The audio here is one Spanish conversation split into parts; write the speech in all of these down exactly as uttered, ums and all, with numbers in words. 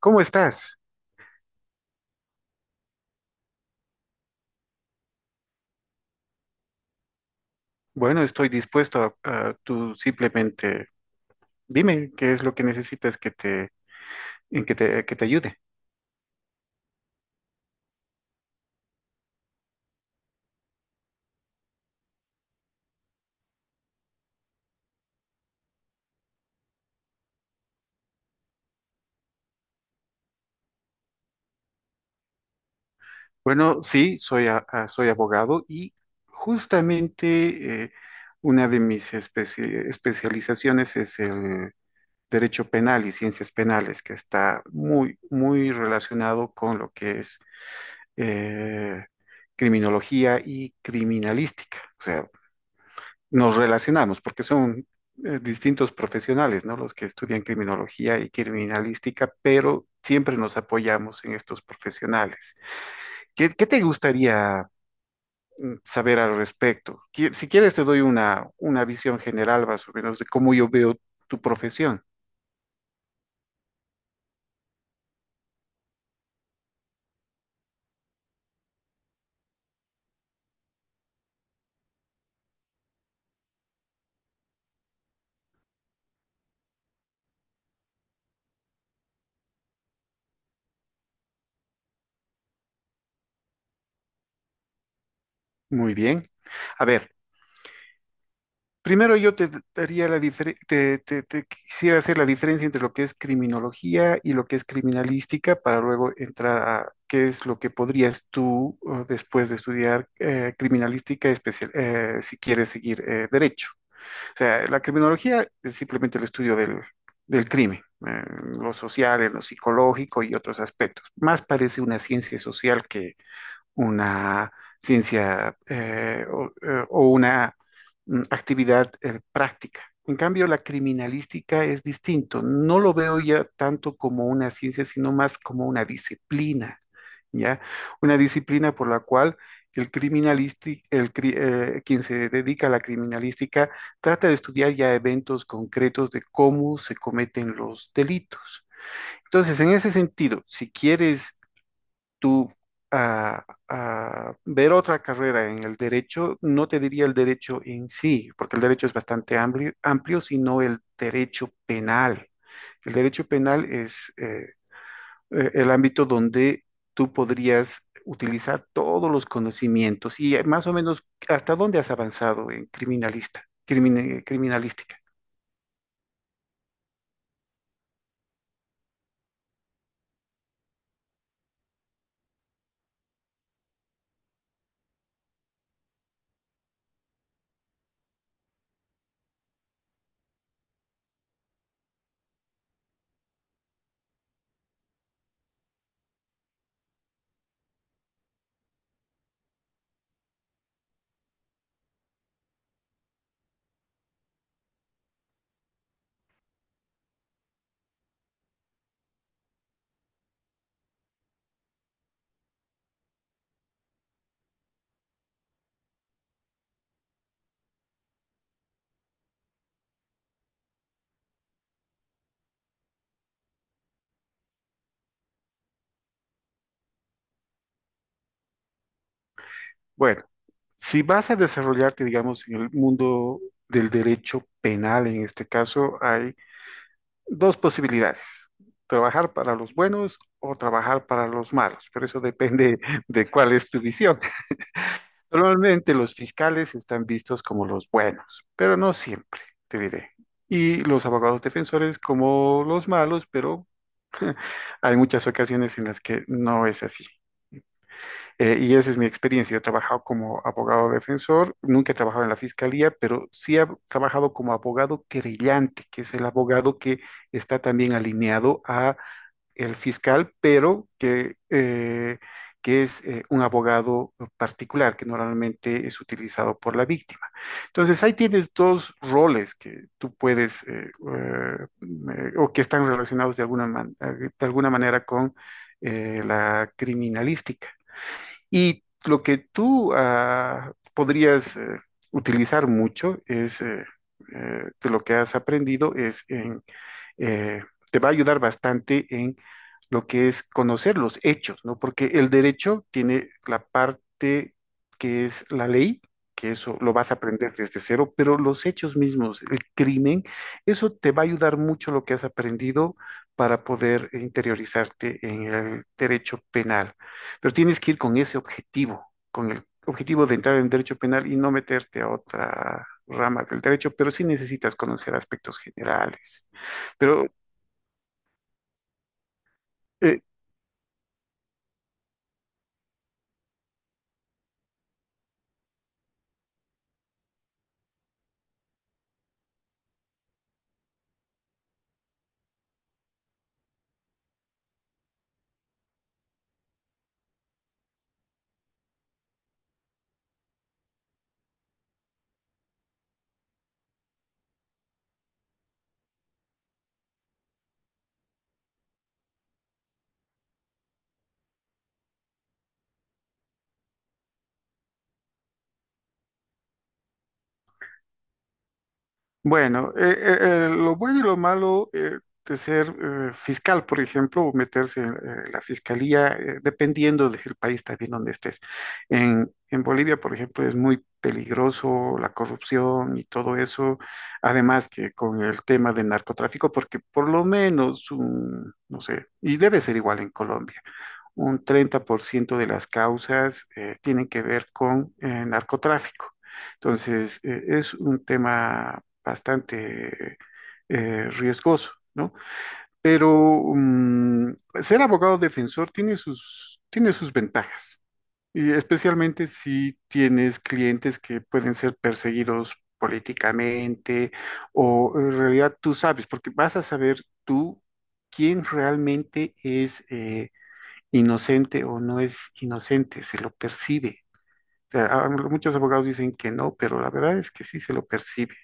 ¿Cómo estás? Bueno, estoy dispuesto a, a- tú simplemente dime qué es lo que necesitas que te, en que te, que te ayude. Bueno, sí, soy, a- a- soy abogado y justamente eh, una de mis especi- especializaciones es el derecho penal y ciencias penales, que está muy, muy relacionado con lo que es eh, criminología y criminalística. O sea, nos relacionamos, porque son eh, distintos profesionales, ¿no? Los que estudian criminología y criminalística, pero siempre nos apoyamos en estos profesionales. ¿Qué, qué te gustaría saber al respecto? Qui- Si quieres, te doy una, una visión general más o menos de cómo yo veo tu profesión. Muy bien. A ver. Primero yo te daría la difere- te, te- te quisiera hacer la diferencia entre lo que es criminología y lo que es criminalística para luego entrar a qué es lo que podrías tú eh, después de estudiar eh, criminalística especial eh, si quieres seguir eh, derecho. O sea, la criminología es simplemente el estudio del, del crimen, eh, en lo social, en lo psicológico y otros aspectos. Más parece una ciencia social que una ciencia eh, o, eh, o una mm, actividad eh, práctica. En cambio, la criminalística es distinto. No lo veo ya tanto como una ciencia, sino más como una disciplina, ¿ya? Una disciplina por la cual el criminalisti- el, cri- eh, quien se dedica a la criminalística trata de estudiar ya eventos concretos de cómo se cometen los delitos. Entonces, en ese sentido, si quieres tú a, a ver otra carrera en el derecho, no te diría el derecho en sí, porque el derecho es bastante amplio, amplio, sino el derecho penal. El derecho penal es eh, eh, el ámbito donde tú podrías utilizar todos los conocimientos y eh, más o menos hasta dónde has avanzado en criminalista, crimin- criminalística. Bueno, si vas a desarrollarte, digamos, en el mundo del derecho penal, en este caso, hay dos posibilidades, trabajar para los buenos o trabajar para los malos, pero eso depende de cuál es tu visión. Normalmente los fiscales están vistos como los buenos, pero no siempre, te diré. Y los abogados defensores como los malos, pero hay muchas ocasiones en las que no es así. Eh, y esa es mi experiencia. Yo he trabajado como abogado defensor, nunca he trabajado en la fiscalía, pero sí he trabajado como abogado querellante, que es el abogado que está también alineado a el fiscal, pero que, eh, que es eh, un abogado particular que normalmente es utilizado por la víctima. Entonces, ahí tienes dos roles que tú puedes, eh, eh, o que están relacionados de alguna, man- eh, de alguna manera con eh, la criminalística. Y lo que tú ah, podrías eh, utilizar mucho es... eh, eh, de lo que has aprendido es en eh, te va a ayudar bastante en lo que es conocer los hechos, ¿no? Porque el derecho tiene la parte que es la ley, que eso lo vas a aprender desde cero, pero los hechos mismos, el crimen, eso te va a ayudar mucho lo que has aprendido para poder interiorizarte en el derecho penal. Pero tienes que ir con ese objetivo, con el objetivo de entrar en derecho penal y no meterte a otra rama del derecho, pero sí necesitas conocer aspectos generales. Pero eh, bueno, eh, eh, eh, lo bueno y lo malo eh, de ser eh, fiscal, por ejemplo, o meterse en eh, la fiscalía, eh, dependiendo del país también donde estés. En, en Bolivia, por ejemplo, es muy peligroso la corrupción y todo eso, además que con el tema de narcotráfico, porque por lo menos, un, no sé, y debe ser igual en Colombia. Un treinta por ciento de las causas eh, tienen que ver con eh, narcotráfico. Entonces, eh, es un tema bastante eh, riesgoso, ¿no? Pero mm, ser abogado defensor tiene sus, tiene sus ventajas, y especialmente si tienes clientes que pueden ser perseguidos políticamente o en realidad tú sabes, porque vas a saber tú quién realmente es eh, inocente o no es inocente, se lo percibe. O sea, a- muchos abogados dicen que no, pero la verdad es que sí se lo percibe.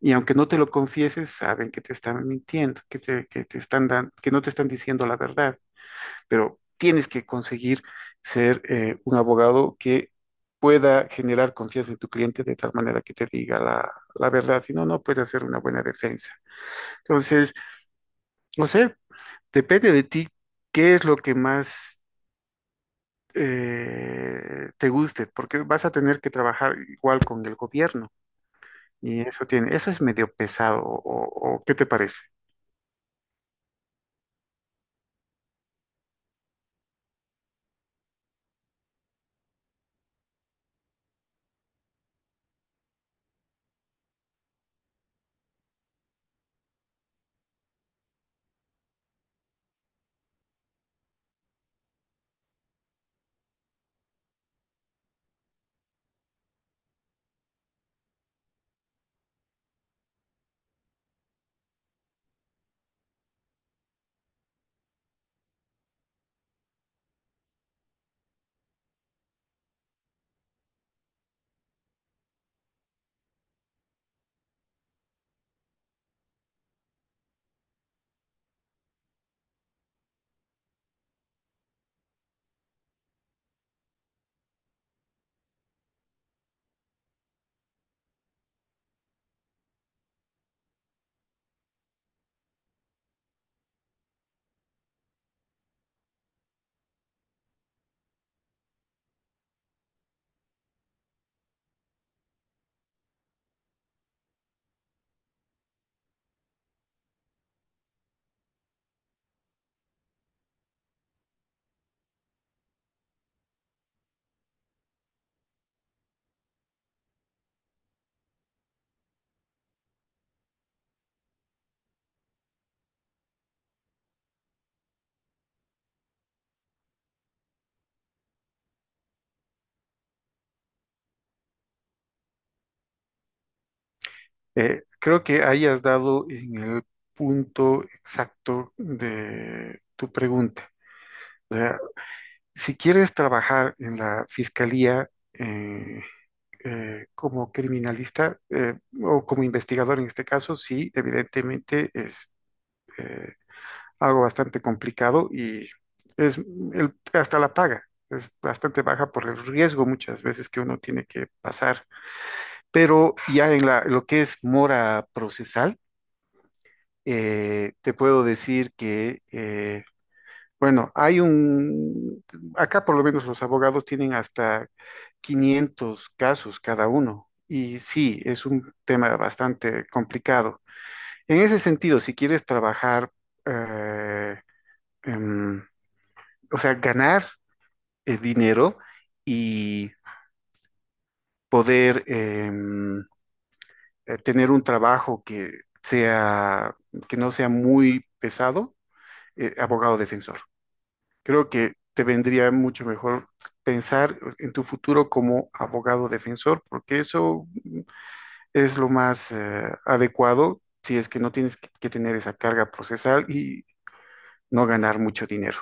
Y aunque no te lo confieses, saben que te están mintiendo, que te, que te están dan- que no te están diciendo la verdad, pero tienes que conseguir ser eh, un abogado que pueda generar confianza en tu cliente de tal manera que te diga la, la verdad, si no, no puede hacer una buena defensa. Entonces, no sé, depende de ti qué es lo que más eh, te guste, porque vas a tener que trabajar igual con el gobierno y eso tiene, eso es medio pesado, o, o- o ¿qué te parece? Eh, creo que ahí has dado en el punto exacto de tu pregunta. Si quieres trabajar en la fiscalía eh, eh, como criminalista eh, o como investigador en este caso, sí, evidentemente es eh, algo bastante complicado y es el- hasta la paga. Es bastante baja por el riesgo muchas veces que uno tiene que pasar. Pero ya en la, lo que es mora procesal, eh, te puedo decir que, eh, bueno, hay un, acá por lo menos los abogados tienen hasta quinientos casos cada uno. Y sí, es un tema bastante complicado. En ese sentido, si quieres trabajar eh, em, o sea, ganar eh, dinero y poder em, eh, tener un trabajo que sea, que no sea muy pesado, eh, abogado defensor. Creo que te vendría mucho mejor pensar en tu futuro como abogado defensor, porque eso es lo más eh, adecuado si es que no tienes que, que tener esa carga procesal y no ganar mucho dinero.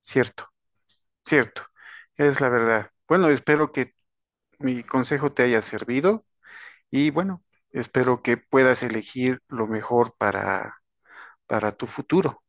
Cierto, cierto, es la verdad. Bueno, espero que mi consejo te haya servido y bueno, espero que puedas elegir lo mejor para, para tu futuro.